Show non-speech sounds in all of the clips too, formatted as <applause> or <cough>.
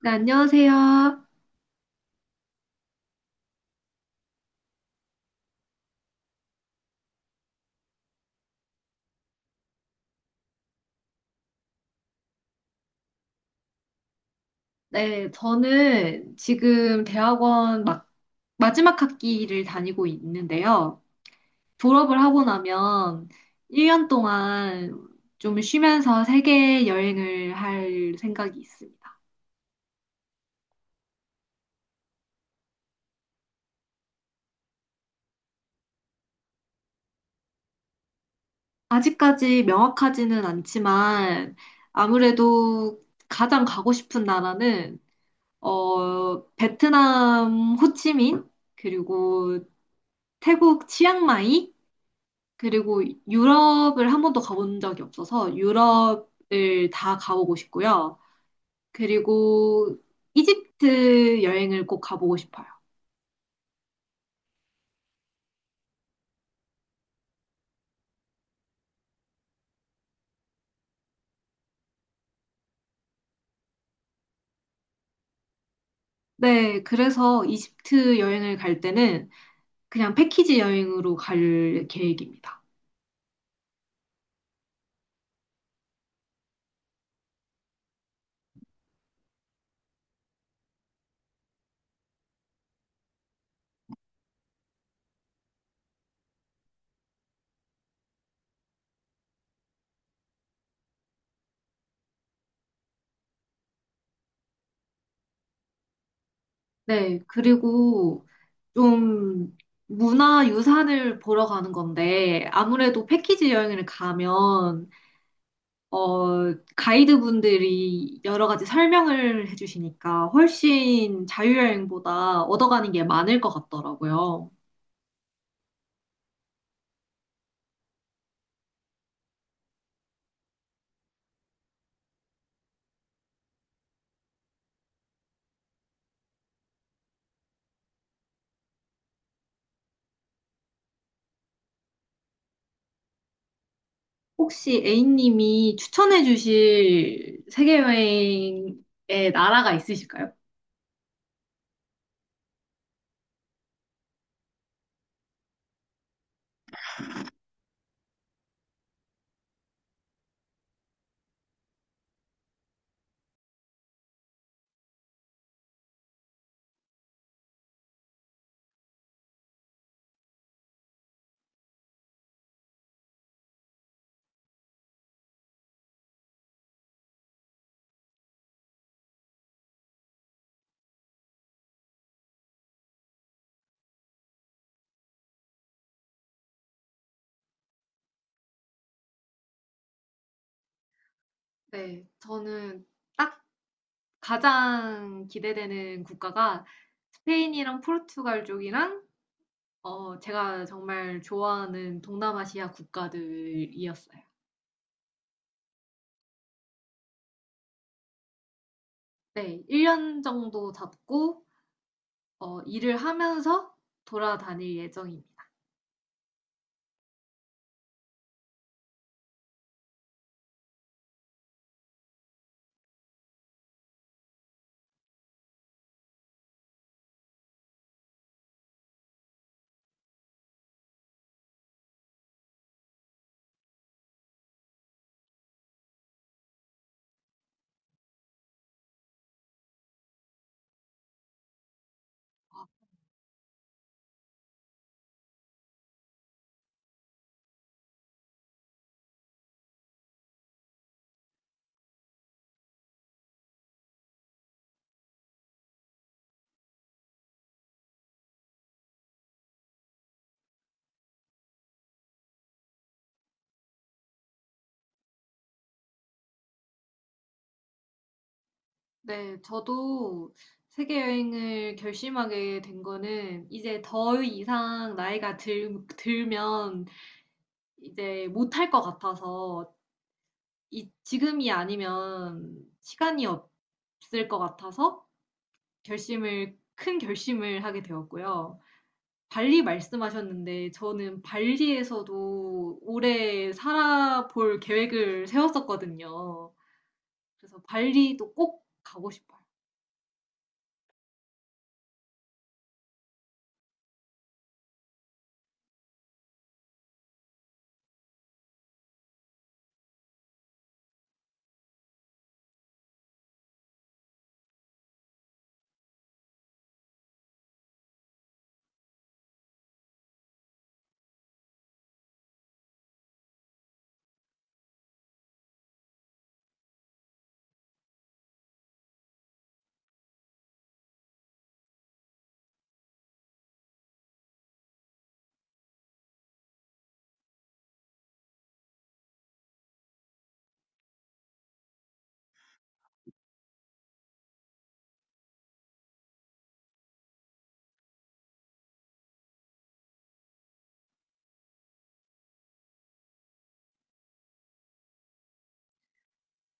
네, 안녕하세요. 네, 저는 지금 대학원 막 마지막 학기를 다니고 있는데요. 졸업을 하고 나면 1년 동안 좀 쉬면서 세계 여행을 할 생각이 있습니다. 아직까지 명확하지는 않지만 아무래도 가장 가고 싶은 나라는 베트남 호치민 그리고 태국 치앙마이 그리고 유럽을 한 번도 가본 적이 없어서 유럽을 다 가보고 싶고요. 그리고 이집트 여행을 꼭 가보고 싶어요. 네, 그래서 이집트 여행을 갈 때는 그냥 패키지 여행으로 갈 계획입니다. 네, 그리고 좀 문화 유산을 보러 가는 건데 아무래도 패키지 여행을 가면 가이드분들이 여러 가지 설명을 해주시니까 훨씬 자유여행보다 얻어가는 게 많을 것 같더라고요. 혹시 A님이 추천해 주실 세계여행의 나라가 있으실까요? 네, 저는 딱 가장 기대되는 국가가 스페인이랑 포르투갈 쪽이랑 제가 정말 좋아하는 동남아시아 국가들이었어요. 네, 1년 정도 잡고 일을 하면서 돌아다닐 예정입니다. 어, 네, 저도 세계 여행을 결심하게 된 거는 이제 더 이상 나이가 들면 이제 못할 것 같아서 지금이 아니면 시간이 없을 것 같아서 큰 결심을 하게 되었고요. 발리 말씀하셨는데 저는 발리에서도 오래 살아볼 계획을 세웠었거든요. 그래서 발리도 꼭 가고 싶어요.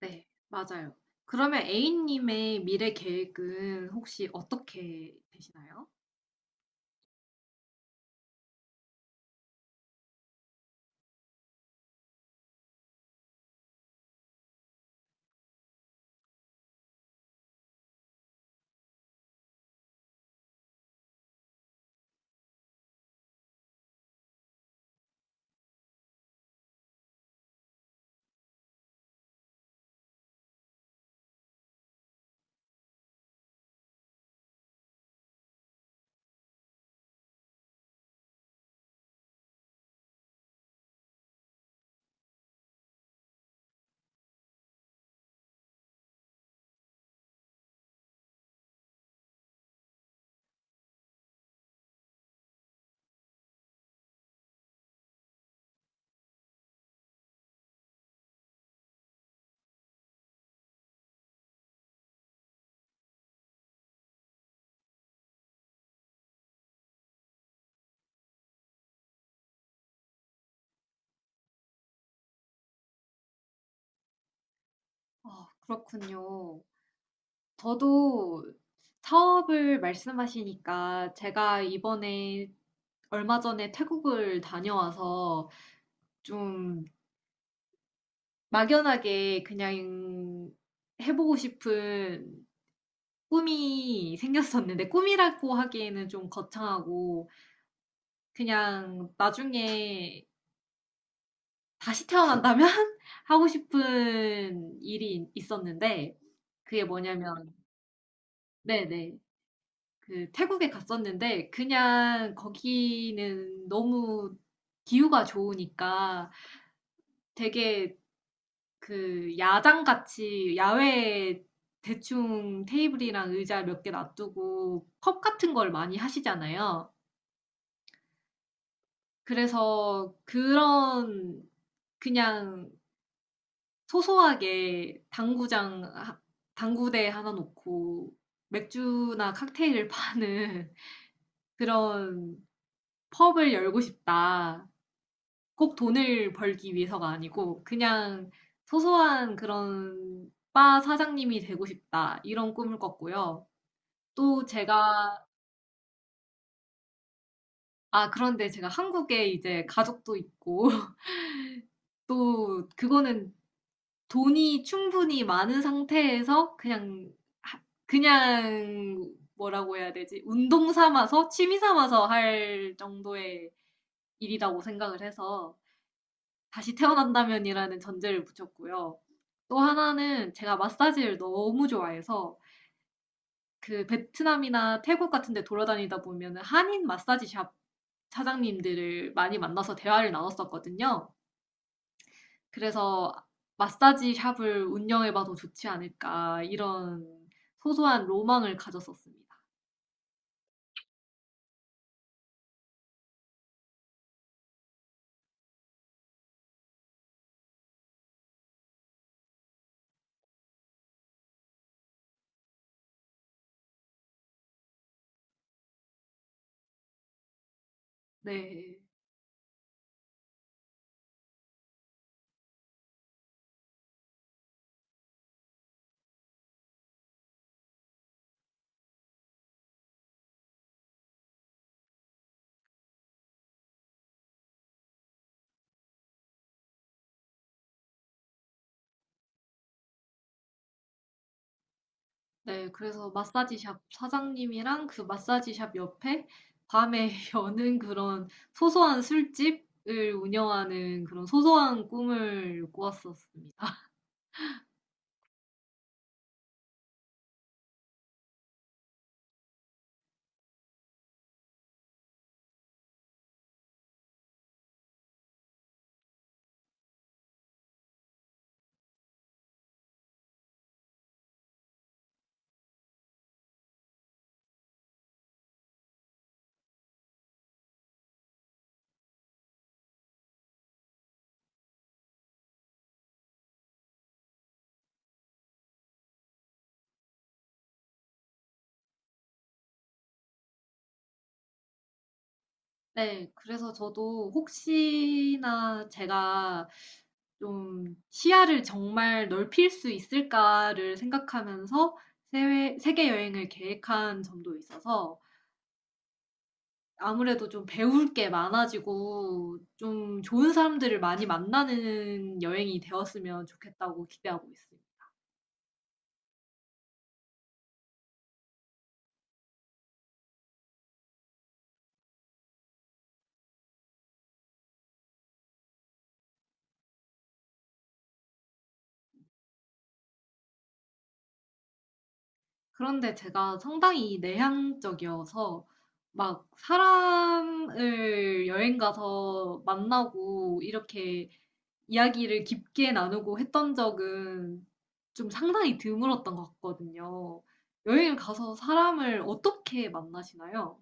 네, 맞아요. 그러면 A님의 미래 계획은 혹시 어떻게 되시나요? 아, 그렇군요. 저도 사업을 말씀하시니까 제가 이번에 얼마 전에 태국을 다녀와서 좀 막연하게 그냥 해보고 싶은 꿈이 생겼었는데 꿈이라고 하기에는 좀 거창하고 그냥 나중에 다시 태어난다면 <laughs> 하고 싶은 일이 있었는데 그게 뭐냐면 네네. 그 태국에 갔었는데 그냥 거기는 너무 기후가 좋으니까 되게 그 야장같이 야외에 대충 테이블이랑 의자 몇 개 놔두고 컵 같은 걸 많이 하시잖아요. 그래서 그런 그냥 소소하게 당구장 하 당구대 하나 놓고 맥주나 칵테일을 파는 <laughs> 그런 '펍을 열고 싶다.' 꼭 돈을 벌기 위해서가 아니고 그냥 '소소한 그런 바 사장님이 되고 싶다.' 이런 꿈을 꿨고요. 또 제가 아, 그런데 제가 한국에 이제 가족도 있고 <laughs> 또 그거는 돈이 충분히 많은 상태에서 그냥 하 그냥 뭐라고 해야 되지? 운동 삼아서 취미 삼아서 할 정도의 일이라고 생각을 해서 다시 태어난다면이라는 전제를 붙였고요. 또 하나는 제가 마사지를 너무 좋아해서 그 베트남이나 태국 같은 데 돌아다니다 보면 한인 마사지 샵 사장님들을 많이 만나서 대화를 나눴었거든요. 그래서 '마사지 샵을 운영해 봐도 좋지 않을까.' 이런 소소한 로망을 가졌었습니다. 네. 네, 그래서 마사지 샵 사장님이랑 그 마사지 샵 옆에 밤에 <laughs> 여는 그런 소소한 술집을 운영하는 그런 소소한 꿈을 꾸었었습니다. 네. 그래서 저도 혹시나 제가 좀 '시야를 정말 넓힐 수 있을까.'를 생각하면서 세외 세계 여행을 계획한 점도 있어서 아무래도 좀 배울 게 많아지고 좀 좋은 사람들을 많이 만나는 여행이 되었으면 좋겠다고 기대하고 있어요. 그런데 제가 상당히 내향적이어서 막 사람을 여행 가서 만나고 이렇게 이야기를 깊게 나누고 했던 적은 좀 상당히 드물었던 것 같거든요. 여행을 가서 사람을 어떻게 만나시나요?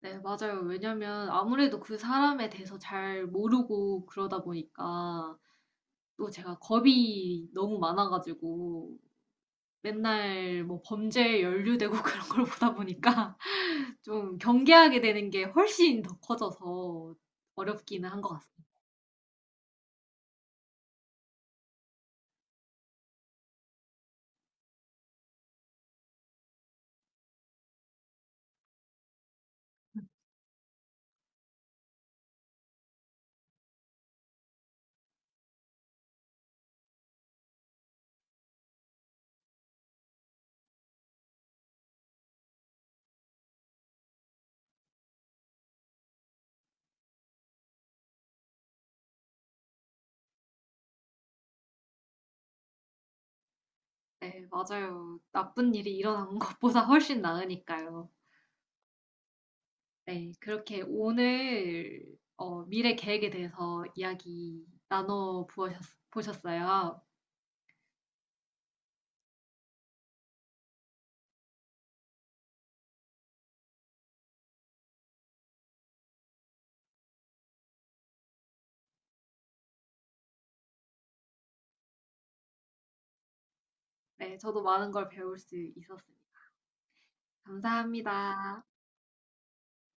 네, 맞아요. 왜냐면 아무래도 그 사람에 대해서 잘 모르고 그러다 보니까 또 제가 겁이 너무 많아가지고 맨날 뭐 범죄에 연루되고 <laughs> 그런 걸 보다 보니까 <laughs> 좀 경계하게 되는 게 훨씬 더 커져서 어렵기는 한 것 같습니다. 네, 맞아요. 나쁜 일이 일어난 <laughs> 것보다 훨씬 나으니까요. 네, 그렇게 오늘 미래 계획에 대해서 이야기 나눠 보셨어요. 네, 저도 많은 걸 배울 수 있었습니다. 감사합니다.